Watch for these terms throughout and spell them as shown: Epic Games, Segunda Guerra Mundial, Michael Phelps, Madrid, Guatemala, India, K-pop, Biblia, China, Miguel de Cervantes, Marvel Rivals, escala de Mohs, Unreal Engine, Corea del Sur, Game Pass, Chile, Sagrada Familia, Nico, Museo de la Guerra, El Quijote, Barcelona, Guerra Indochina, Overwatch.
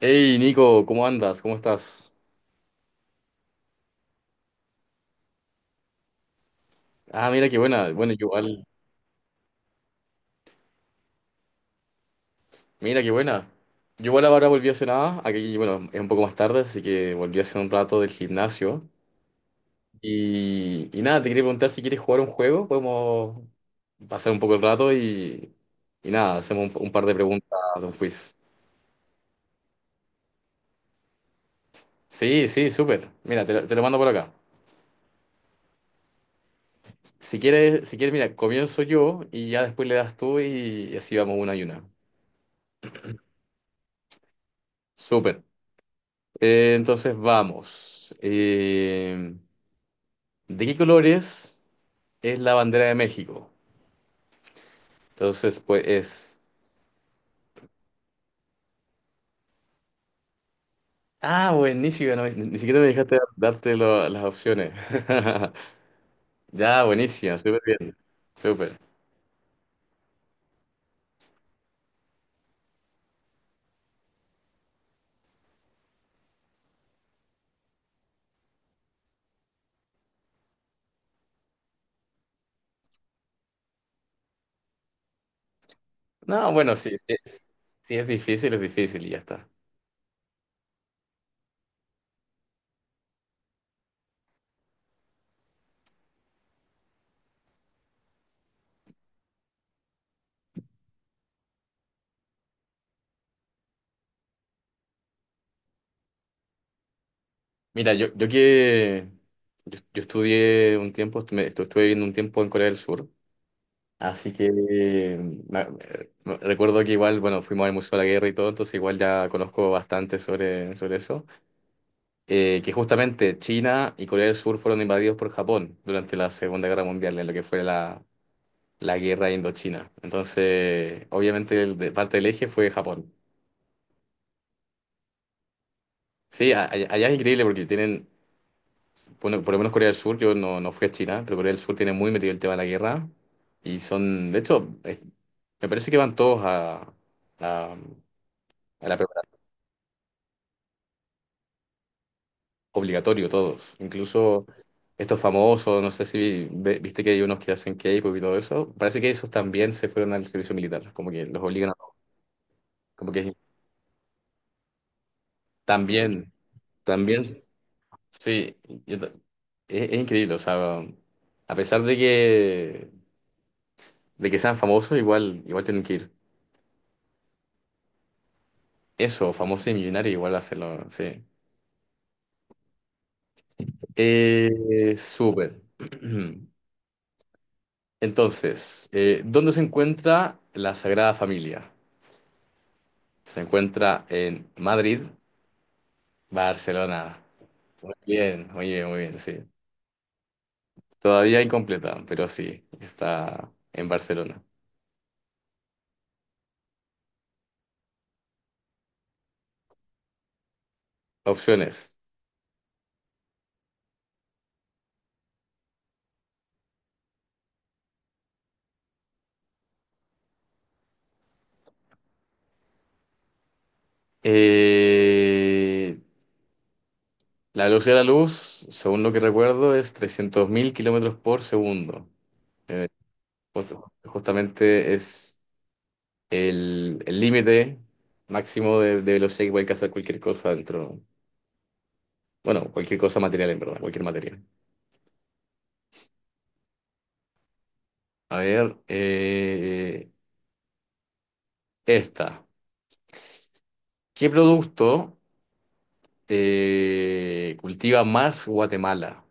Hey Nico, ¿cómo andas? ¿Cómo estás? Ah, mira qué buena. Bueno, yo igual. Mira qué buena. Yo igual ahora volví hace nada. Aquí, bueno, es un poco más tarde, así que volví hace un rato del gimnasio. Y nada, te quería preguntar si quieres jugar un juego. Podemos pasar un poco el rato y nada, hacemos un par de preguntas de un quiz. Sí, sí, súper. Mira, te lo mando por acá. Si quieres, si quieres, mira, comienzo yo y ya después le das tú y así vamos una y una. Súper. Entonces vamos. ¿De qué colores es la bandera de México? Entonces, pues es... Ah, buenísimo, no, ni siquiera me dejaste darte las opciones. Ya, buenísimo, súper bien, súper. No, bueno, sí es difícil y ya está. Mira, yo que... yo estudié un tiempo, estuve viviendo un tiempo en Corea del Sur. Así que me- recuerdo que igual, bueno, fuimos al Museo de la Guerra y todo, entonces igual ya conozco bastante sobre eso. Que justamente China y Corea del Sur fueron invadidos por Japón durante la Segunda Guerra Mundial, en lo que fue la Guerra Indochina. Entonces, obviamente, parte del eje fue Japón. Sí, allá es increíble porque tienen, bueno, por lo menos Corea del Sur, yo no, no fui a China, pero Corea del Sur tiene muy metido el tema de la guerra y son, de hecho, me parece que van todos a a la preparación. Obligatorio todos. Incluso estos famosos, no sé si viste que hay unos que hacen K-pop y todo eso. Parece que esos también se fueron al servicio militar. Como que los obligan a... Como que también, también, sí. yo ta- es increíble. O sea, a pesar de de que sean famosos, igual, igual tienen que ir. Eso, famoso y millonario, igual hacerlo, sí. Súper. Entonces, ¿dónde se encuentra la Sagrada Familia? Se encuentra en Madrid, Barcelona. Muy bien, muy bien, muy bien, sí. Todavía incompleta, pero sí, está en Barcelona. Opciones. Eh, la velocidad de la luz, según lo que recuerdo, es 300.000 km/s. Just- Justamente es el límite máximo de velocidad que puede alcanzar cualquier cosa dentro. Bueno, cualquier cosa material, en verdad, cualquier material. A ver, esta. ¿Qué producto cultiva más Guatemala?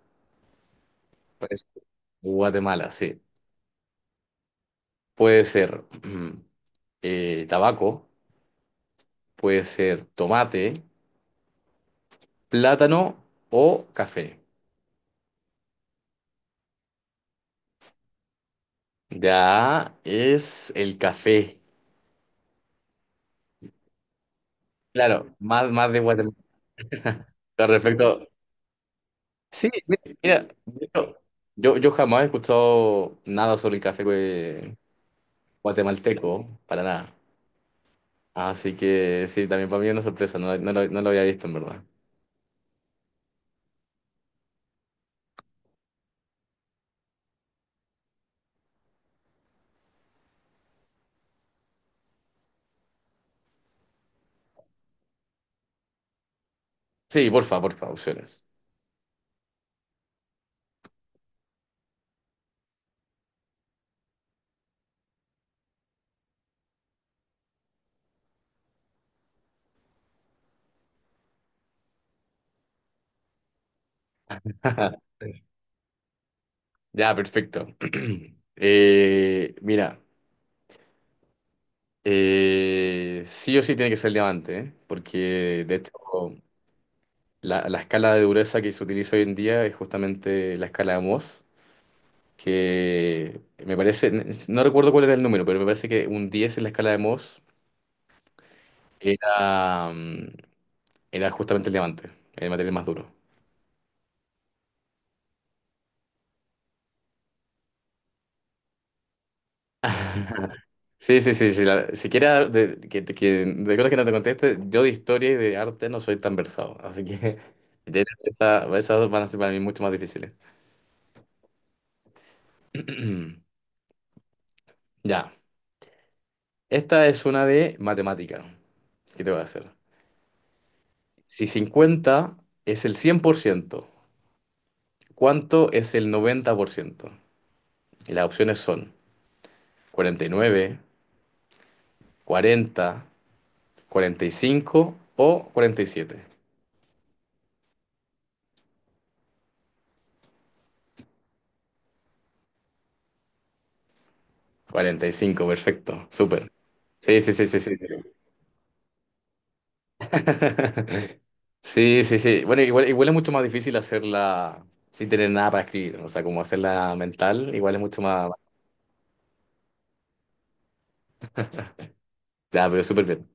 Pues, Guatemala, sí. Puede ser tabaco, puede ser tomate, plátano o café. Ya es el café. Claro, más, más de Guatemala. Al respecto, sí, mira, mira, de hecho, yo jamás he escuchado nada sobre el café guatemalteco, para nada. Así que sí, también para mí es una sorpresa, no, no lo había visto en verdad. Sí, porfa, porfa, opciones. Ya, perfecto. Eh, mira, sí o sí tiene que ser diamante, ¿eh? Porque de hecho la escala de dureza que se utiliza hoy en día es justamente la escala de Mohs, que me parece, no recuerdo cuál era el número, pero me parece que un 10 en la escala de Mohs era, era justamente el diamante, el material más duro. Sí, sí, sí, sí. Siquiera de, de cosas que no te conteste, yo de historia y de arte no soy tan versado. Así que esas dos van a ser para mí mucho más difíciles. Ya. Esta es una de matemática. ¿Qué te voy a hacer? Si cincuenta es el 100%, ¿cuánto es el 90%? Y las opciones son cuarenta nueve, cuarenta cuarenta y cinco o cuarenta y siete. Cuarenta y cinco, perfecto. Súper. Sí, sí, sí, sí, sí. Sí, sí, sí. Bueno, igual, igual es mucho más difícil hacerla sin tener nada para escribir, ¿no? O sea, como hacerla mental, igual es mucho más... Ya, pero súper bien.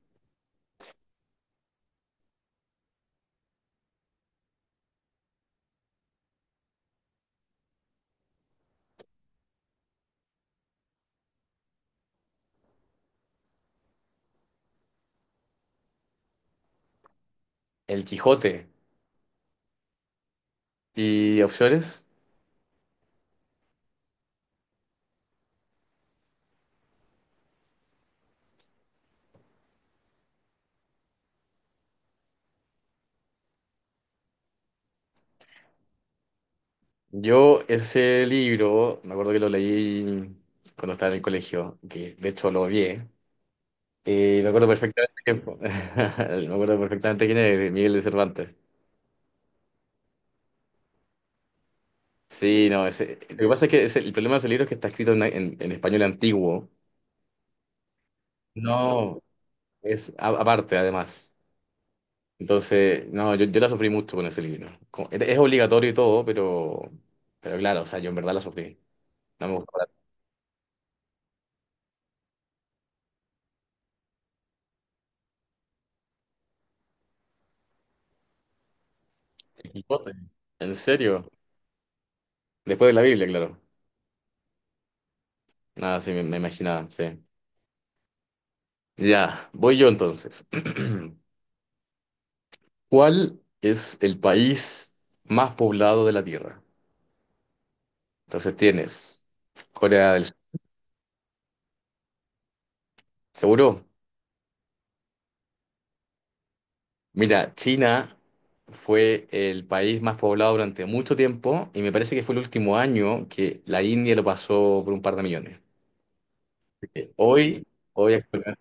El Quijote y opciones. Yo ese libro, me acuerdo que lo leí cuando estaba en el colegio, que de hecho lo odié. Y me acuerdo perfectamente quién fue. Me acuerdo perfectamente quién es Miguel de Cervantes. Sí, no, ese, lo que pasa es que el problema de ese libro es que está escrito en español antiguo. No, es aparte, además. Entonces, no, yo la sufrí mucho con ese libro. Es obligatorio y todo, pero claro, o sea, yo en verdad la sufrí. No me gustó para el Quijote. ¿En serio? Después de la Biblia, claro. Nada, sí, me imaginaba, sí. Ya, voy yo entonces. ¿Cuál es el país más poblado de la Tierra? Entonces tienes Corea del Sur. ¿Seguro? Mira, China fue el país más poblado durante mucho tiempo y me parece que fue el último año que la India lo pasó por un par de millones. Así. Hoy, hoy actualmente-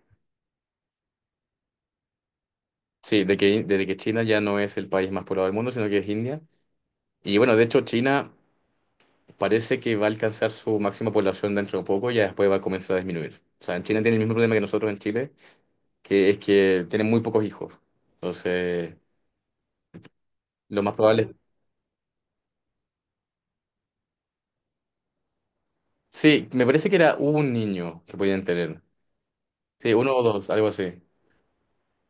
sí, de que, desde que China ya no es el país más poblado del mundo, sino que es India. Y bueno, de hecho China parece que va a alcanzar su máxima población dentro de poco y ya después va a comenzar a disminuir. O sea, en China tiene el mismo problema que nosotros en Chile, que es que tienen muy pocos hijos. Entonces, lo más probable... Sí, me parece que era un niño que podían tener. Sí, uno o dos, algo así.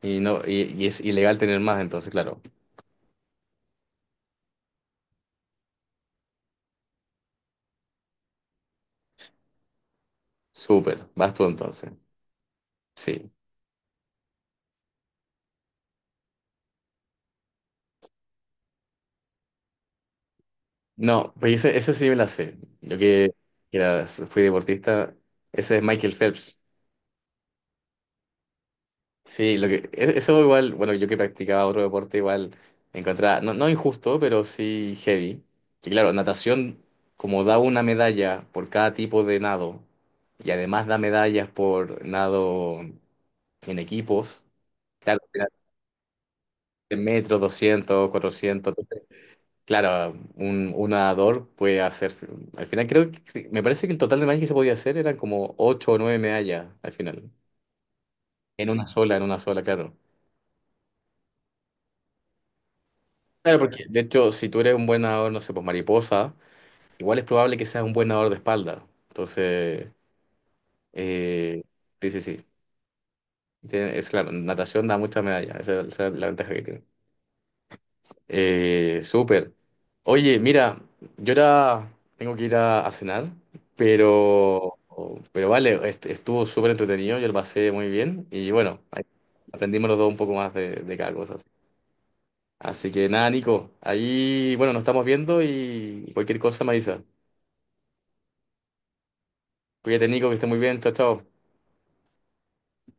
Y no, y es ilegal tener más, entonces, claro. Súper, vas tú entonces. Sí. No, pues ese sí me la sé. Yo que era, fui deportista, ese es Michael Phelps. Sí, lo que, eso igual, bueno, yo que practicaba otro deporte igual encontraba, no, no injusto, pero sí heavy. Que claro, natación, como da una medalla por cada tipo de nado, y además da medallas por nado en equipos, claro, era de metros, 200, 400 Claro, un nadador puede hacer. Al final, creo que. Me parece que el total de medallas que se podía hacer eran como 8 o 9 medallas al final. En una sola, claro. Claro, porque de hecho, si tú eres un buen nadador, no sé, pues mariposa, igual es probable que seas un buen nadador de espalda. Entonces, eh, sí, sí, sí. Es claro, natación da muchas medallas. Esa es la ventaja que tiene. Súper. Oye, mira, yo ahora tengo que ir a cenar, pero, pero vale, estuvo súper entretenido, yo lo pasé muy bien y bueno, ahí aprendimos los dos un poco más de cada cosa. Así. Así que nada, Nico, ahí, bueno, nos estamos viendo y cualquier cosa me avisa. Cuídate, Nico, que esté muy bien, chao, chao.